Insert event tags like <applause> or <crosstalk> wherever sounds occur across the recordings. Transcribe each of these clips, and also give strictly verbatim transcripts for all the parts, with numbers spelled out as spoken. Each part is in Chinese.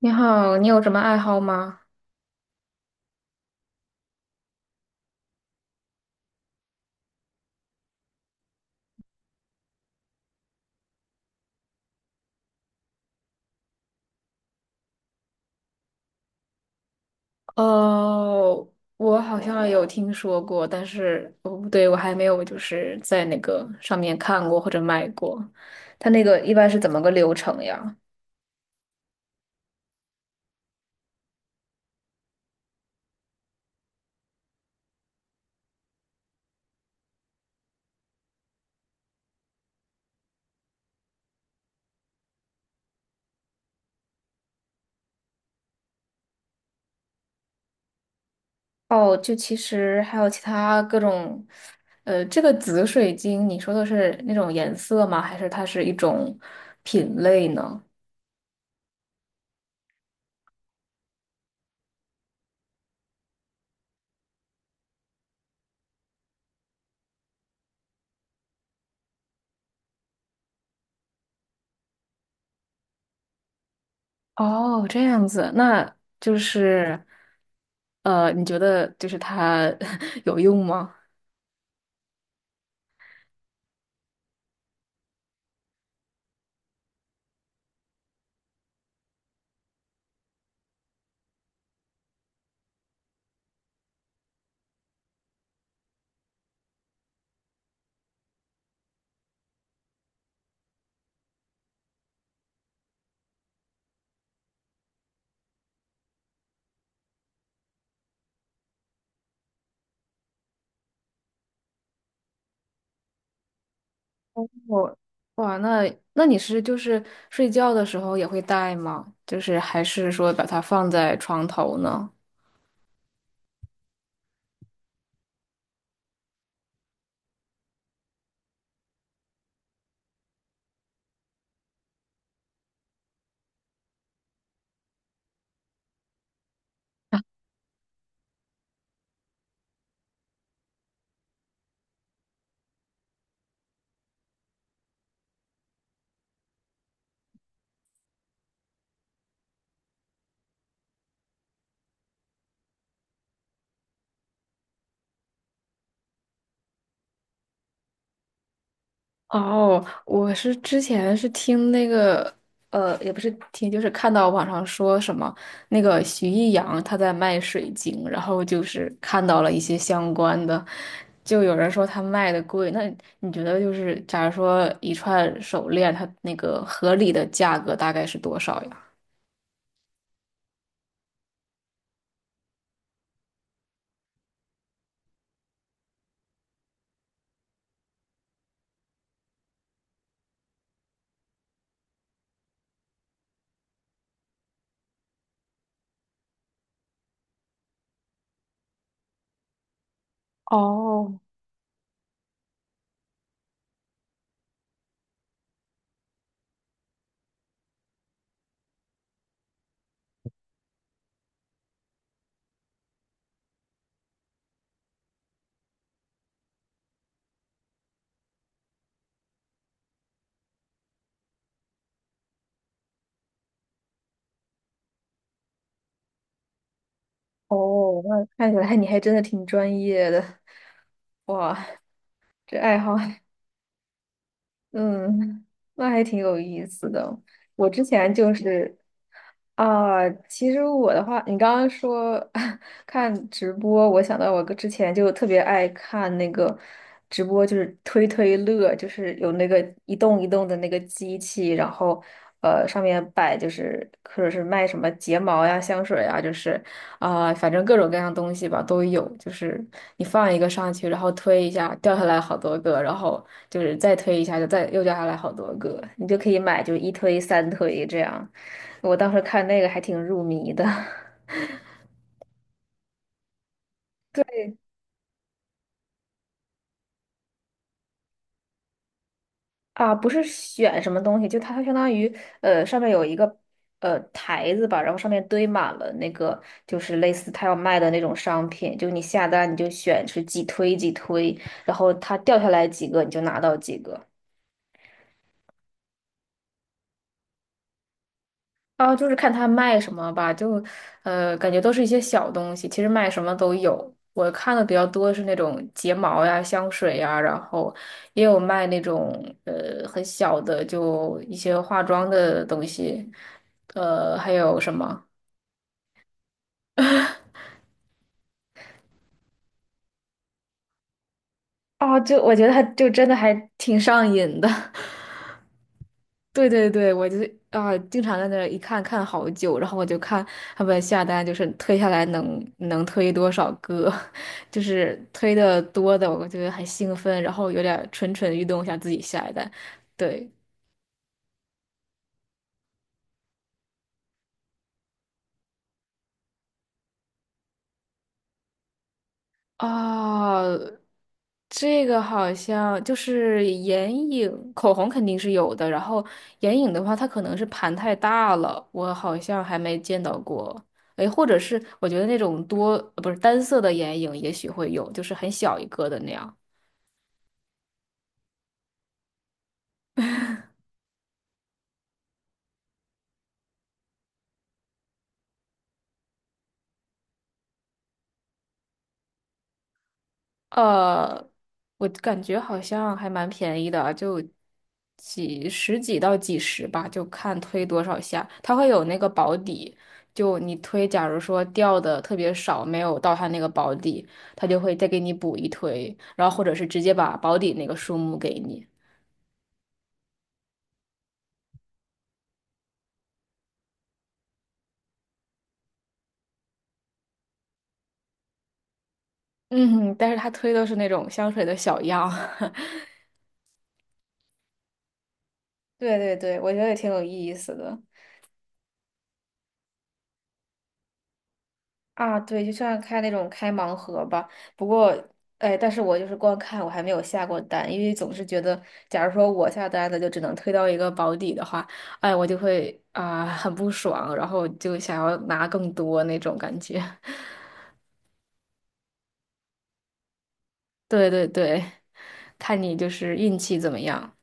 你好，你有什么爱好吗？哦，我好像有听说过，但是哦不对，我还没有就是在那个上面看过或者买过。它那个一般是怎么个流程呀？哦，就其实还有其他各种，呃，这个紫水晶，你说的是那种颜色吗？还是它是一种品类呢？哦，这样子，那就是，呃，你觉得就是它 <laughs> 有用吗？我哇，那那你是就是睡觉的时候也会戴吗？就是还是说把它放在床头呢？哦，我是之前是听那个呃，也不是听，就是看到网上说什么那个徐艺洋他在卖水晶，然后就是看到了一些相关的，就有人说他卖的贵。那你觉得就是假如说一串手链，它那个合理的价格大概是多少呀？哦，哦，那看起来你还真的挺专业的，哇，这爱好，嗯，那还挺有意思的。我之前就是，啊、其实我的话，你刚刚说 <laughs> 看直播，我想到我之前就特别爱看那个直播，就是推推乐，就是有那个一动一动的那个机器，然后。呃，上面。边摆，就是或者是卖什么睫毛呀、香水呀，就是啊、反正各种各样东西吧都有。就是你放一个上去，然后推一下，掉下来好多个，然后就是再推一下，就再又掉下来好多个，你就可以买，就一推三推这样。我当时看那个还挺入迷的。<laughs> 对。啊，不是选什么东西，就它相当于呃上面有一个呃台子吧，然后上面堆满了那个就是类似它要卖的那种商品，就你下单你就选是几推几推，然后它掉下来几个你就拿到几个。啊，就是看他卖什么吧，就，呃，感觉都是一些小东西，其实卖什么都有。我看的比较多是那种睫毛呀、香水呀，然后也有卖那种呃很小的，就一些化妆的东西，呃，还有什么？哦，就我觉得他就真的还挺上瘾的。<laughs> 对对对，我就是啊，经常在那儿一看看好久，然后我就看他们下单，就是推下来能能推多少个，<laughs> 就是推的多的，我觉得很兴奋，然后有点蠢蠢欲动，想自己下一单。对，啊，这个好像就是眼影，口红肯定是有的。然后眼影的话，它可能是盘太大了，我好像还没见到过。哎，或者是我觉得那种多，呃不是单色的眼影，也许会有，就是很小一个的那样。呃，我感觉好像还蛮便宜的啊，就几十几到几十吧，就看推多少下。它会有那个保底，就你推，假如说掉的特别少，没有到它那个保底，它就会再给你补一推，然后或者是直接把保底那个数目给你。嗯，但是它推的是那种香水的小样。<laughs> 对对对，我觉得也挺有意思的。啊，对，就像开那种开盲盒吧。不过，哎，但是我就是光看，我还没有下过单，因为总是觉得，假如说我下单的就只能推到一个保底的话，哎，我就会啊、很不爽，然后就想要拿更多那种感觉。<laughs> 对对对，看你就是运气怎么样。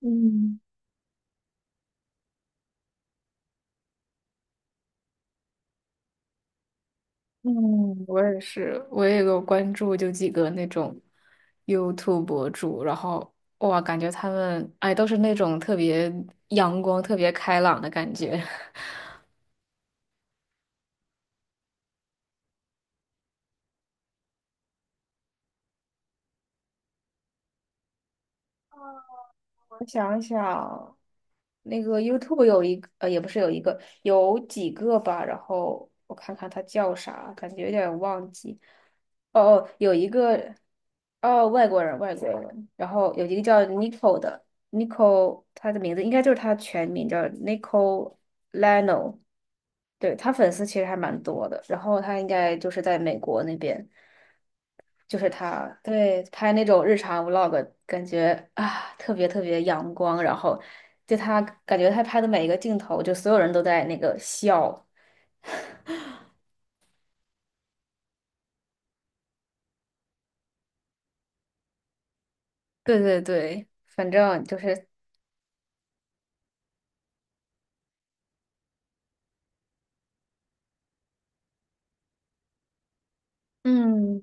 嗯。嗯，我也是，我也有关注，就几个那种 YouTube 博主，然后哇，感觉他们哎都是那种特别阳光、特别开朗的感觉。<laughs> 我想想，那个 YouTube 有一个，呃，也不是有一个，有几个吧。然后我看看他叫啥，感觉有点忘记。哦哦，有一个，哦，外国人，外国人。然后有一个叫 Nico 的，Nico，他的名字应该就是他全名叫 Nico l e n o 对，他粉丝其实还蛮多的，然后他应该就是在美国那边。就是他，对，拍那种日常 vlog，感觉啊特别特别阳光，然后就他感觉他拍的每一个镜头，就所有人都在那个笑，对对对，反正就是，嗯，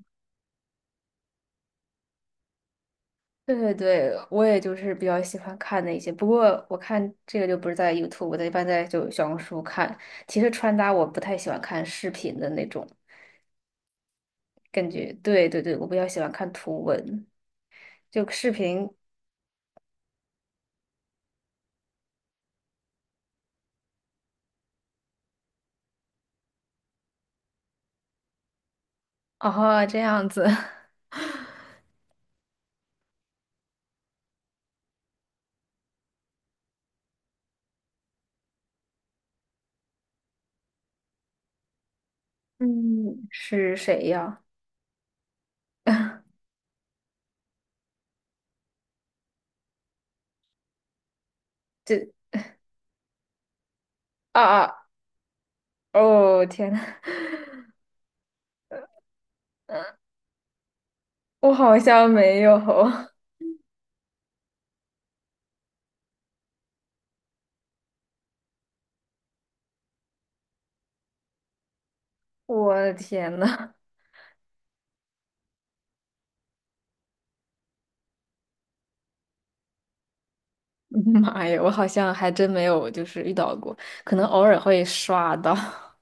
对对对，我也就是比较喜欢看那些，不过我看这个就不是在 YouTube，我在一般在就小红书看。其实穿搭我不太喜欢看视频的那种感觉，对对对，我比较喜欢看图文，就视频，哦，这样子。<laughs> 嗯，是谁呀？<laughs> 这啊啊！哦天呐，<laughs> 我好像没有，<laughs> 我的天呐，<laughs> 妈呀，我好像还真没有，就是遇到过，可能偶尔会刷到。<laughs>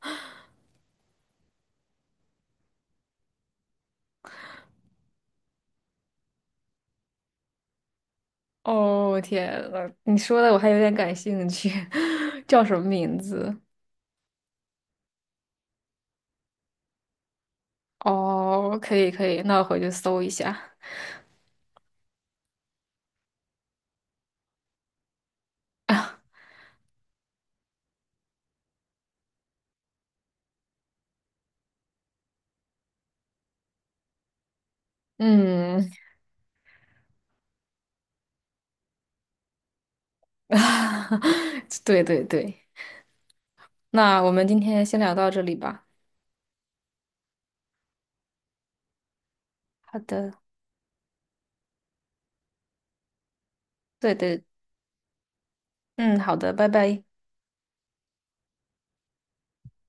哦天呐，你说的我还有点感兴趣，<laughs> 叫什么名字？哦，可以可以，那我回去搜一下。<laughs> 啊，嗯，<laughs> 对对对，那我们今天先聊到这里吧。好的，对对。嗯，好的，拜拜。